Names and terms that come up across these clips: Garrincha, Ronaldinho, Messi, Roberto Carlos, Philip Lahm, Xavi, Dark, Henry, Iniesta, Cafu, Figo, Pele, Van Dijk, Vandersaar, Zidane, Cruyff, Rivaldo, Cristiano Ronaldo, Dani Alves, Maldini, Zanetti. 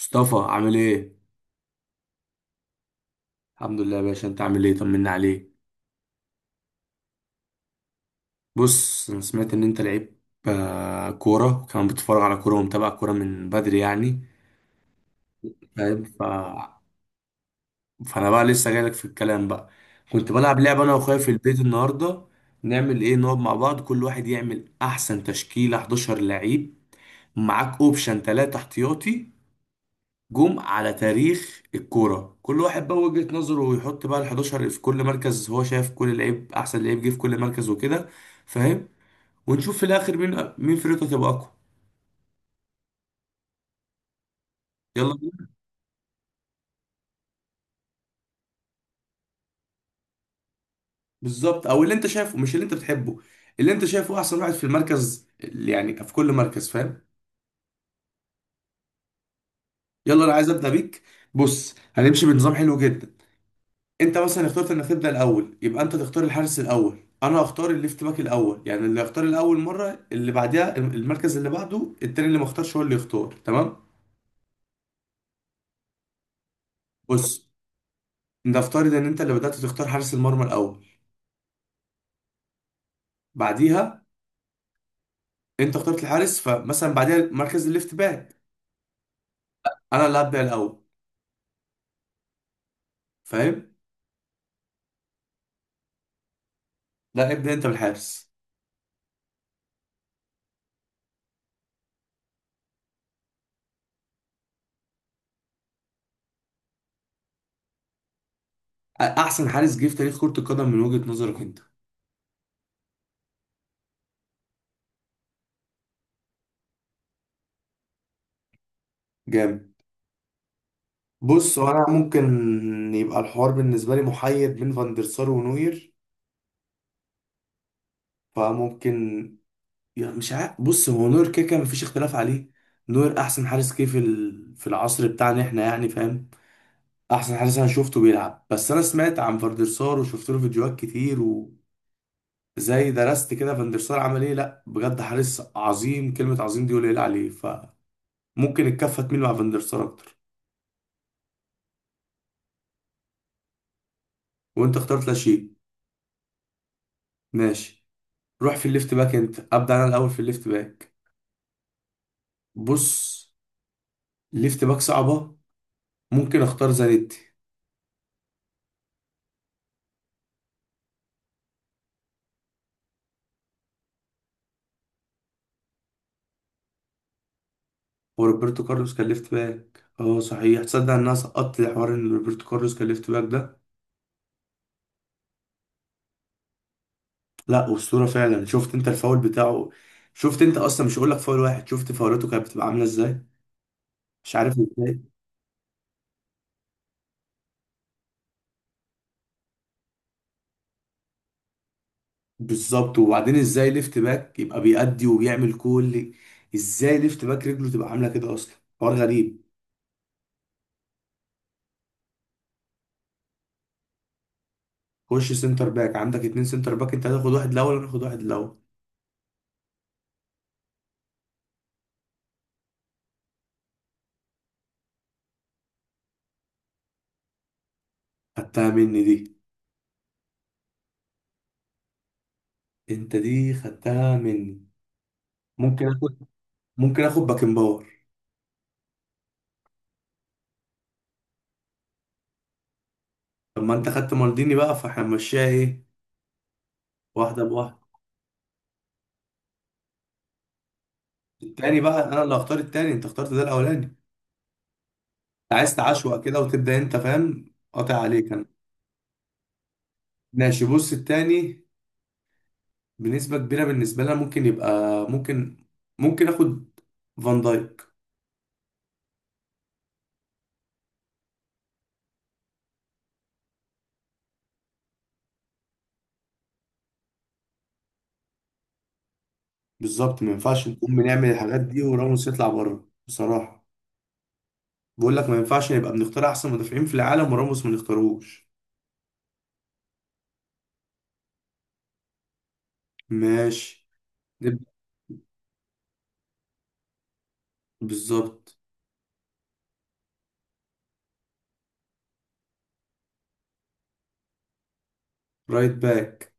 مصطفى عامل ايه؟ الحمد لله يا باشا، انت عامل ايه؟ طمنا عليك. بص، انا سمعت ان انت لعيب. آه، كورة، وكمان بتتفرج على كورة ومتابع كورة من بدري يعني. فاهم. فانا بقى لسه جايلك في الكلام بقى. كنت بلعب لعبة انا واخويا في البيت النهاردة. نعمل ايه، نقعد مع بعض كل واحد يعمل احسن تشكيلة 11 لعيب، معاك اوبشن 3 احتياطي، جم على تاريخ الكوره، كل واحد بقى وجهة نظره ويحط بقى ال 11 في كل مركز هو شايف كل لعيب احسن لعيب جه في كل مركز وكده. فاهم. ونشوف في الاخر مين مين فرقته تبقى اقوى. يلا بينا. بالظبط، او اللي انت شايفه مش اللي انت بتحبه. اللي انت شايفه احسن واحد في المركز اللي يعني في كل مركز. فاهم. يلا انا عايز ابدا بيك. بص، هنمشي بنظام حلو جدا. انت مثلا اخترت انك تبدا الاول، يبقى انت تختار الحارس الاول، انا اختار الليفت باك الاول. يعني اللي اختار الاول مره، اللي بعدها المركز اللي بعده التاني اللي ما اختارش هو اللي يختار. تمام؟ بص، نفترض ان انت اللي بدات تختار حارس المرمى الاول. بعديها انت اخترت الحارس، فمثلا بعديها مركز الليفت باك انا اللي هبدا الاول. فاهم. لا، ابدا انت بالحارس. احسن حارس جه في تاريخ كره القدم من وجهه نظرك انت. جامد. بص، هو انا ممكن يبقى الحوار بالنسبه لي محير بين فاندرسار ونوير. فممكن، يعني مش عارف. بص، هو نور كده كده مفيش اختلاف عليه. نور احسن حارس جه في في العصر بتاعنا احنا يعني. فاهم. احسن حارس انا شفته بيلعب. بس انا سمعت عن فاندرسار وشفت له فيديوهات كتير، وزي درست كده فاندرسار عمل ايه. لا بجد حارس عظيم، كلمة عظيم دي قليل عليه. فممكن الكفة تميل مع فاندرسار اكتر. وانت اخترت لاشين. ماشي. روح في الليفت باك، انت ابدا. انا الاول في الليفت باك. بص، ليفت باك صعبة. ممكن اختار زانيتي. وروبرتو كارلوس كان ليفت باك، اه صحيح، تصدق ان انا سقطت حوار ان روبرتو كارلوس كان ليفت باك ده؟ لا اسطوره فعلا. شفت انت الفاول بتاعه؟ شفت انت اصلا؟ مش هقول لك فاول واحد، شفت فاولاته كانت بتبقى عامله ازاي؟ مش عارف ازاي. بالظبط. وبعدين ازاي ليفت باك يبقى بيأدي وبيعمل كل؟ ازاي ليفت باك رجله تبقى عامله كده اصلا؟ حوار غريب. خش سنتر باك. عندك اتنين سنتر باك، انت هتاخد واحد الاول وانا هاخد واحد الاول. خدتها مني دي. انت دي خدتها مني. ممكن اخد، ممكن اخد باكن باور. طب ما انت خدت مالديني بقى، فاحنا هنمشيها ايه؟ واحده بواحده. التاني بقى انا اللي هختار التاني، انت اخترت ده الاولاني انت. عايز تعشوق كده وتبدا انت، فاهم؟ قاطع عليك انا. ماشي. بص، التاني بنسبه كبيره بالنسبه لنا ممكن يبقى، ممكن، ممكن اخد فان دايك. بالظبط، ما ينفعش نكون بنعمل الحاجات دي وراموس يطلع بره بصراحه. بقول لك ما ينفعش نبقى بنختار احسن مدافعين في العالم وراموس ما نختاروش. ماشي. نبدا. بالظبط. رايت باك.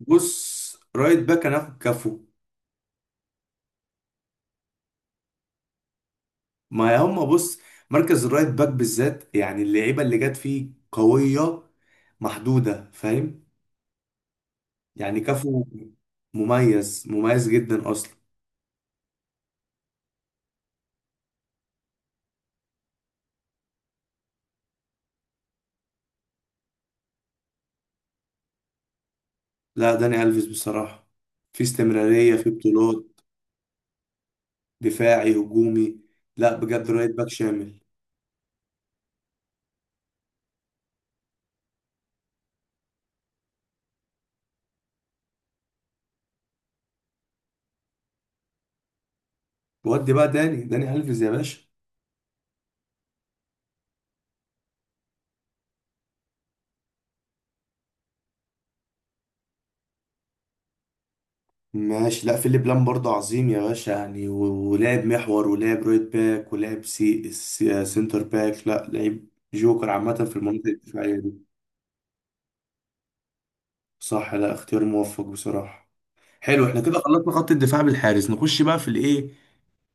بص، رايت باك انا هاخد كفو. ما هم، بص، مركز الرايت باك بالذات يعني اللعيبه اللي جت فيه قويه، محدوده، فاهم؟ يعني كافو مميز، مميز جدا اصلا. لا، داني الفيس بصراحه. في استمراريه في بطولات، دفاعي هجومي. لا بجد، رايت باك شامل. ودي بقى داني، داني الفيس يا باشا. ماشي. لا، فيليب لام برضه عظيم يا باشا يعني، ولعب محور ولعب رايت باك ولعب سنتر باك. لا، لعيب جوكر عامه في المناطق الدفاعيه. صح. لا، اختيار موفق بصراحة. حلو، احنا كده مم. خلصنا خط الدفاع بالحارس، نخش بقى في الايه،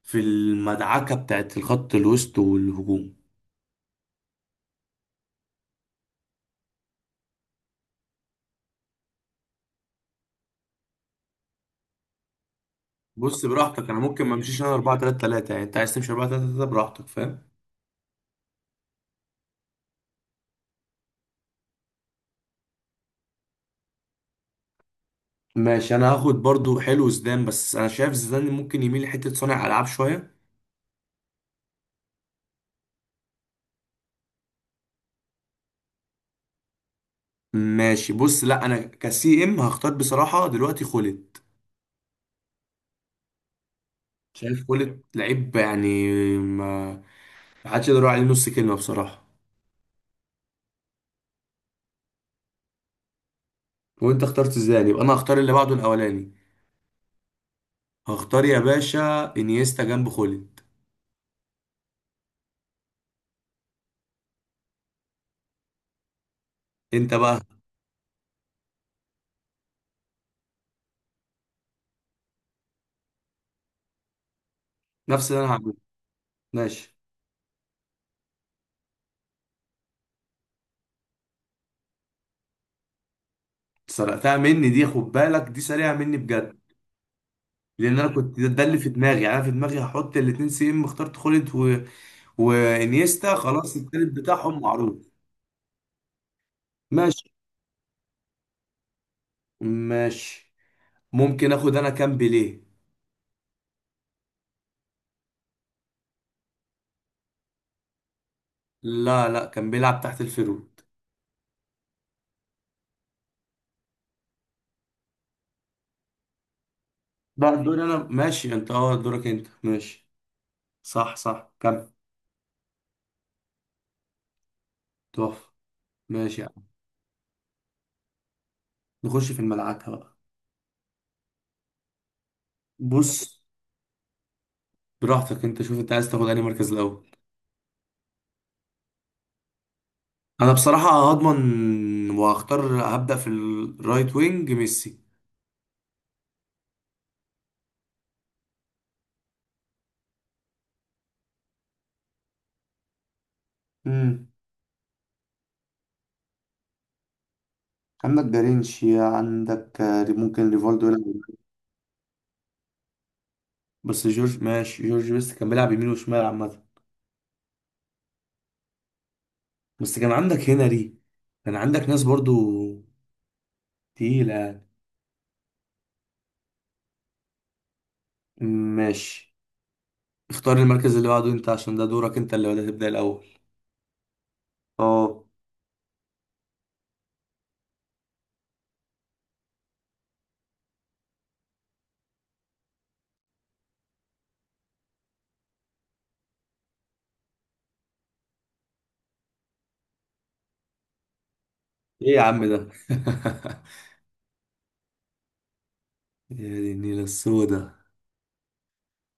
في المدعكة بتاعت الخط الوسط والهجوم. بص براحتك، انا ممكن ما امشيش انا 4 3 3، يعني انت عايز تمشي 4 3 3 براحتك، فاهم؟ ماشي. انا هاخد برضو، حلو زيدان، بس انا شايف زيدان ممكن يميل لحتة صانع العاب شوية. ماشي. بص، لا انا كسي ام هختار بصراحة دلوقتي خولت. شايف خولت لعيب يعني، ما ما حدش يقدر يقول عليه نص كلمة بصراحة. وانت اخترت زيدان، يبقى انا هختار اللي بعده الاولاني. هختار يا باشا انيستا جنب خولد. انت بقى. نفس اللي انا هعمله. ماشي. سرقتها مني دي، خد بالك دي سريعه مني بجد، لان انا كنت ده اللي في دماغي. يعني انا في دماغي هحط الاتنين سي ام، اخترت خولد وانيستا، خلاص التالت بتاعهم معروف. ماشي. ماشي. ممكن اخد انا كام؟ بيليه. لا لا، كان بيلعب تحت الفيرود. لا دوري انا، ماشي انت، اه دورك انت، ماشي. صح صح، كمل. تحفه. ماشي يا عم. نخش في الملعكه بقى. بص، براحتك انت شوف، انت عايز تاخد انهي مركز الاول. انا بصراحه هضمن وهختار، هبدا في الرايت وينج ميسي. امم. عندك جارينشيا، عندك آه، ممكن ريفالدو يلعب. بس جورج ماشي، جورج بس كان بيلعب يمين وشمال عامه. بس كان عندك هنري، كان عندك ناس برضو تقيله يعني. ماشي. اختار المركز اللي بعده انت، عشان ده دورك انت اللي بدأت تبدا الاول. اه. ايه يا عم ده يا دي النيله السودا.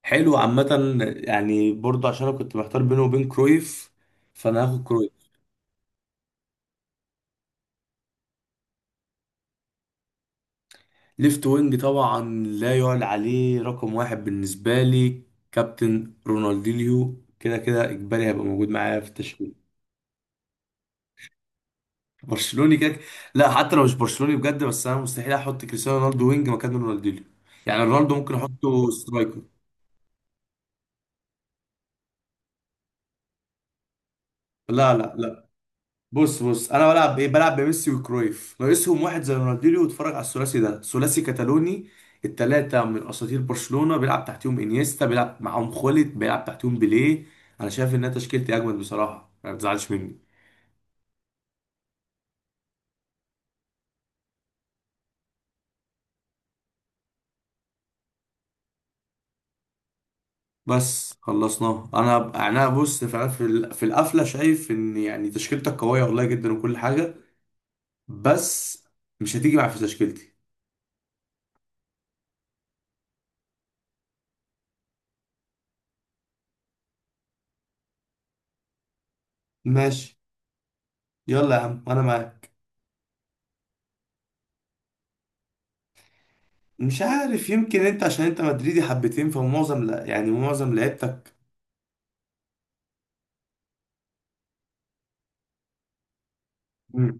حلو عامة، يعني برضه عشان انا كنت محتار بينه وبين كرويف، فانا هاخد كرويف. ليفت وينج طبعا لا يعلى عليه، رقم واحد بالنسبة لي كابتن رونالدينيو، كده كده اجباري هيبقى موجود معايا في التشكيل. برشلوني كده. لا حتى لو مش برشلوني بجد، بس انا مستحيل احط كريستيانو رونالدو وينج مكان رونالدينيو. يعني رونالدو ممكن احطه سترايكر. لا. بص بص، انا بلعب بايه؟ بلعب بميسي وكرويف، ناقصهم واحد زي رونالدينيو، واتفرج على الثلاثي ده، ثلاثي كتالوني، التلاتة من اساطير برشلونة، بيلعب تحتهم انيستا، بيلعب معاهم خوليت، بيلعب تحتهم بيليه. انا شايف انها تشكيلتي اجمد بصراحة، ما تزعلش مني. بس خلصناها انا يعني انا بص فعلا في في القفلة شايف ان، يعني تشكيلتك قوية والله جدا وكل حاجة، بس مش هتيجي معايا في تشكيلتي. ماشي. يلا يا عم، انا معاك. مش عارف، يمكن انت عشان انت مدريدي حبتين فمعظم، لا يعني معظم لعيبتك. مم.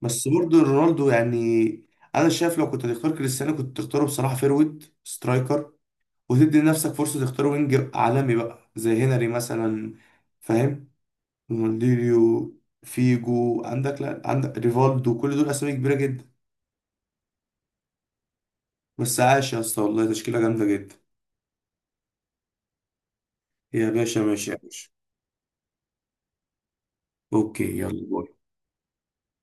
بس برضه رونالدو يعني، انا شايف لو كنت هتختار كريستيانو كنت تختاره بصراحه فيرويد سترايكر، وتدي لنفسك فرصه تختار وينج عالمي بقى زي هنري مثلا، فاهم؟ رونالدينيو، فيجو عندك، لا عندك ريفالدو، كل دول اسامي كبيره جدا بدا. بس عاش يا اسطى، والله تشكيله جامده جدا. يا باشا، ماشي يا باشا. اوكي، يلا باي.